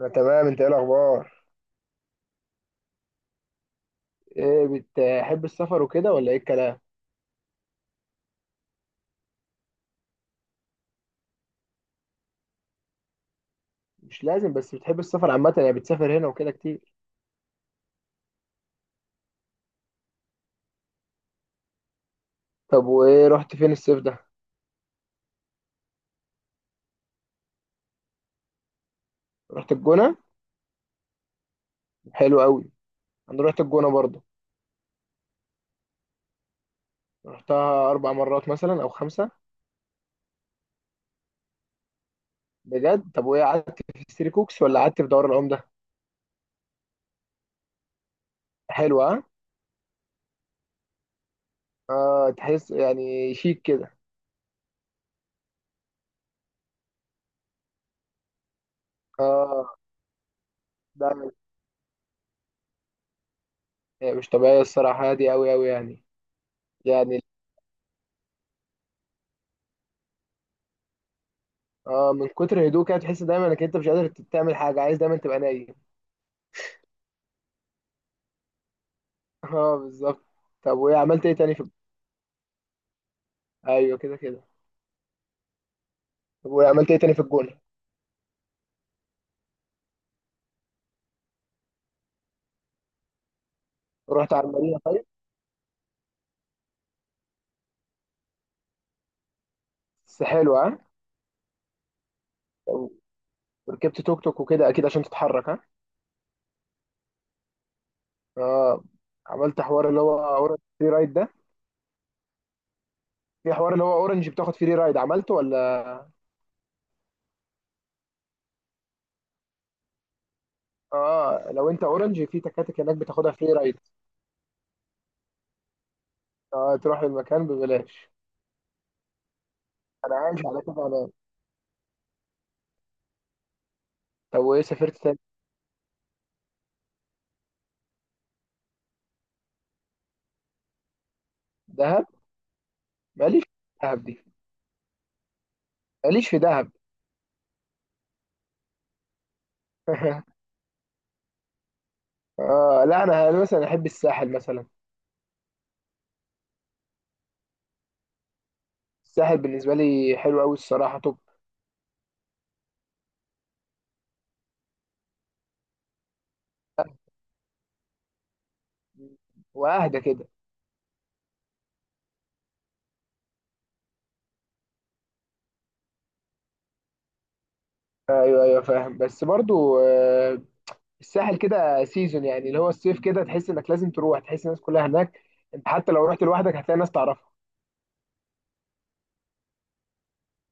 انا تمام، انت ايه الاخبار؟ ايه. بتحب السفر وكده ولا ايه الكلام؟ مش لازم، بس بتحب السفر عامه يعني، بتسافر هنا وكده كتير؟ طب وايه، رحت فين الصيف ده؟ رحت الجونه؟ حلو قوي. انا رحت الجونه برضه. رحتها 4 مرات مثلا او 5. بجد؟ طب وايه، قعدت في ستري كوكس ولا قعدت في دوار العمده؟ حلوه ها؟ اه، تحس يعني شيك كده. اه. ده، مش طبيعيه الصراحه، هادي قوي قوي يعني. يعني. اه، من كتر هدوء كده تحس دايما انك انت مش قادر تعمل حاجه، عايز دايما تبقى نايم. اه، بالظبط. طب وايه عملت ايه تاني في الجونة؟ ايوه كده كده. طب وايه، عملت ايه تاني في الجونه؟ رحت على المارينا طيب؟ بس حلو، ها؟ طب، ركبت توك توك وكده اكيد عشان تتحرك، ها؟ اه. عملت حوار اللي هو اورنج فري رايد ده؟ في حوار اللي هو اورنج بتاخد فري رايد، عملته ولا؟ اه، لو انت اورنج في تكاتك هناك بتاخدها فري رايد. اه، تروح المكان ببلاش. انا عايش على كده انا. طب وايه، سافرت تاني؟ دهب؟ ماليش في دهب دي. ماليش في دهب. اه، لا، انا مثلا احب الساحل مثلا. الساحل بالنسبة لي حلو أوي الصراحة. طب. وأهدى كده. أيوه أيوه، فاهم، بس برضو الساحل كده سيزون يعني، اللي هو الصيف كده، تحس إنك لازم تروح، تحس الناس كلها هناك. أنت حتى لو رحت لوحدك هتلاقي ناس تعرفها.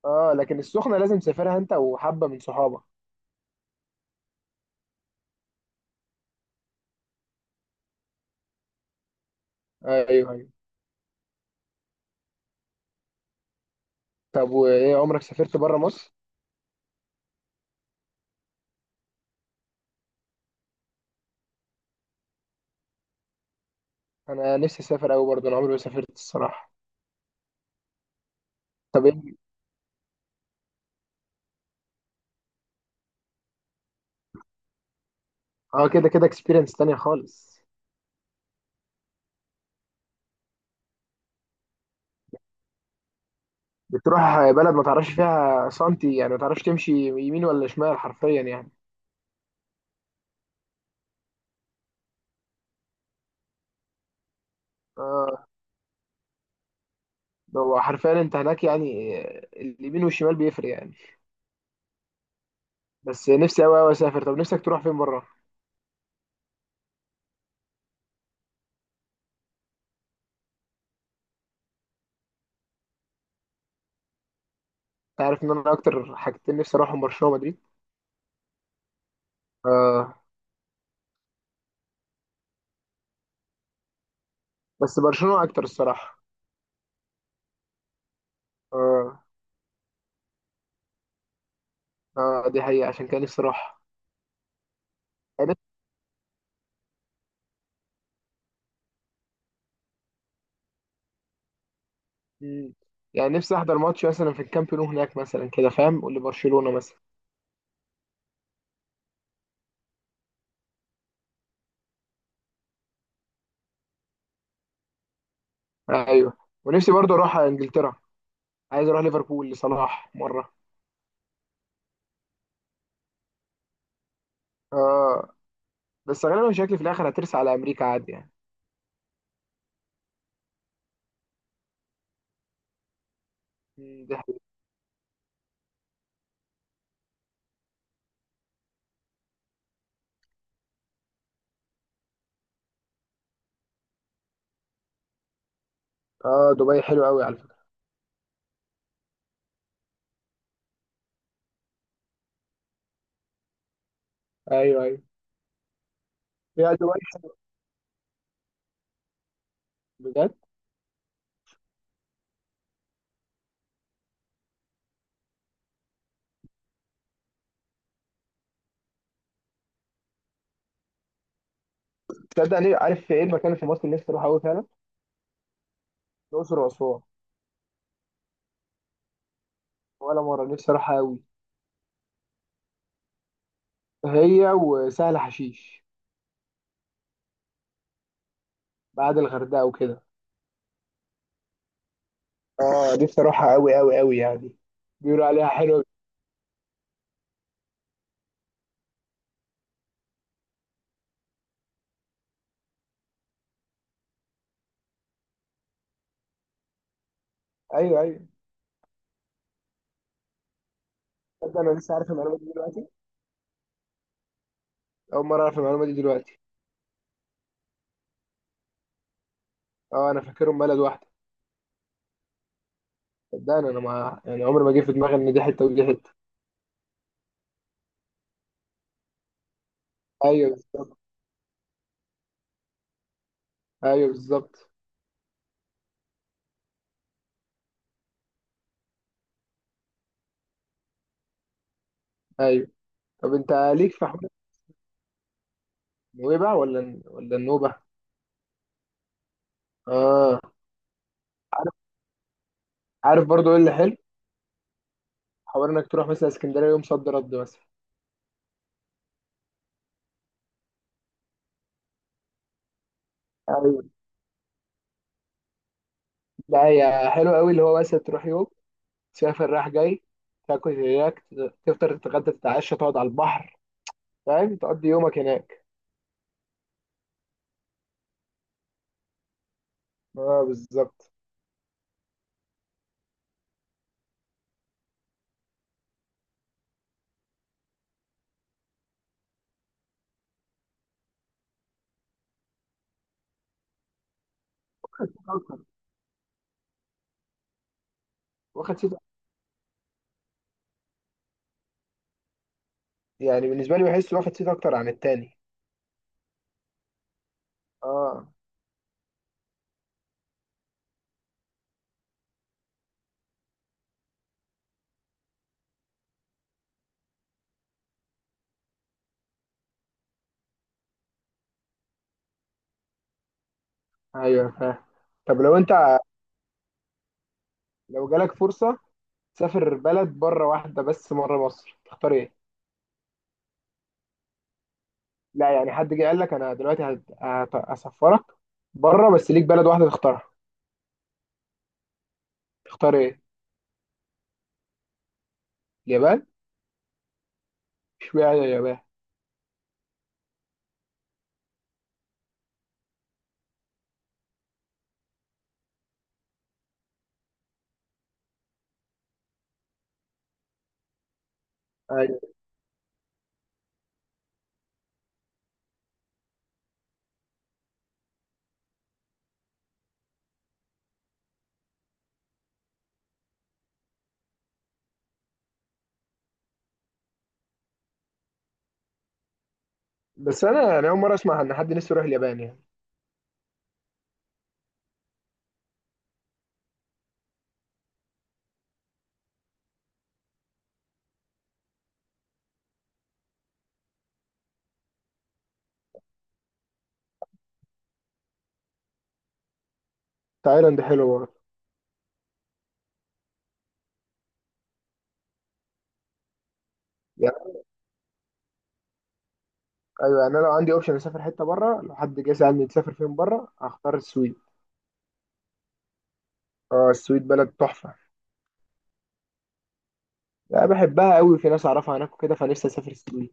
أه، لكن السخنة لازم تسافرها أنت وحبة من صحابك. أيوه أيوه. طب وإيه، عمرك سافرت بره مصر؟ أنا نفسي أسافر أوي برضو، أنا عمري ما سافرت الصراحة. طب إيه؟ أه كده كده، إكسبيرينس تانية خالص. بتروح بلد ما تعرفش فيها سنتي يعني، ما تعرفش تمشي يمين ولا شمال حرفيا يعني. آه. ده هو حرفيا انت هناك يعني، اليمين والشمال بيفرق يعني. بس نفسي قوي قوي اسافر. طب نفسك تروح فين بره؟ انت عارف ان انا اكتر حاجتين نفسي اروحهم برشلونه ومدريد. آه. بس برشلونه اكتر الصراحه. آه. آه، دي حقيقه عشان كان نفسي اروح. يعني. نفسي يعني نفسي احضر ماتش مثلا في الكامب نو هناك مثلا كده، فاهم؟ لبرشلونه مثلا. آه ايوه. ونفسي برضه اروح على انجلترا. عايز اروح ليفربول لصلاح مره. آه. بس غالبا شكلي في الاخر هترسى على امريكا عادي يعني. مم، دي حقيقة. اه، دبي حلو قوي على فكره. ايوه ايوه. فيها دول حلوة. بجد. تصدق ليه، عارف في ايه المكان اللي في مصر اللي نفسي اروح قوي فعلا؟ الاقصر واسوان. ولا مره، نفسي اروح قوي. هي وسهل حشيش. بعد الغردقه وكده. اه، نفسي اروحها قوي قوي قوي يعني. بيقولوا عليها حلوه. ايوه ايوه. تصدق، انا لسه عارف المعلومه دي دلوقتي. اول مره اعرف المعلومه دي دلوقتي. اه، انا فاكرهم بلد واحده. صدقني، انا ما يعني عمري ما جه في دماغي ان دي حته ودي حته. ايوه بالظبط. ايوه بالظبط. ايوه. طب انت ليك في حوار. النوبه ولا النوبه؟ اه. عارف. عارف برضو ايه اللي حلو؟ حوار انك تروح مثلا اسكندريه يوم صد رد مثلا. ايوه. لا، هي حلو قوي، اللي هو مثلا تروح يوم، تسافر رايح جاي، تاكل هناك، تفطر، تتغدى، تتعشى، تقعد على البحر، فاهم؟ تقضي يومك هناك. اه بالظبط. أكتر. واخد سيت. يعني بالنسبه لي بحس واخد سيت اكتر عن التاني. اه. ايوه فاهم. طب لو جالك فرصه تسافر بلد بره واحده بس مره مصر، تختار ايه؟ لا يعني، حد جه قال لك انا دلوقتي هسفرك بره، بس ليك بلد واحده تختارها. تختار ايه؟ اليابان؟ اشمعنى اليابان؟ ايوه. بس انا اول مره اسمع ان حد نفسه يروح اليابان يعني. تايلاند حلو برضه. يعني. ايوه يعني انا لو عندي اوبشن اسافر حته بره، لو حد جه سالني تسافر فين بره، هختار السويد. اه، السويد بلد تحفه. انا بحبها قوي، في ناس اعرفها هناك وكده، فنفسي اسافر السويد.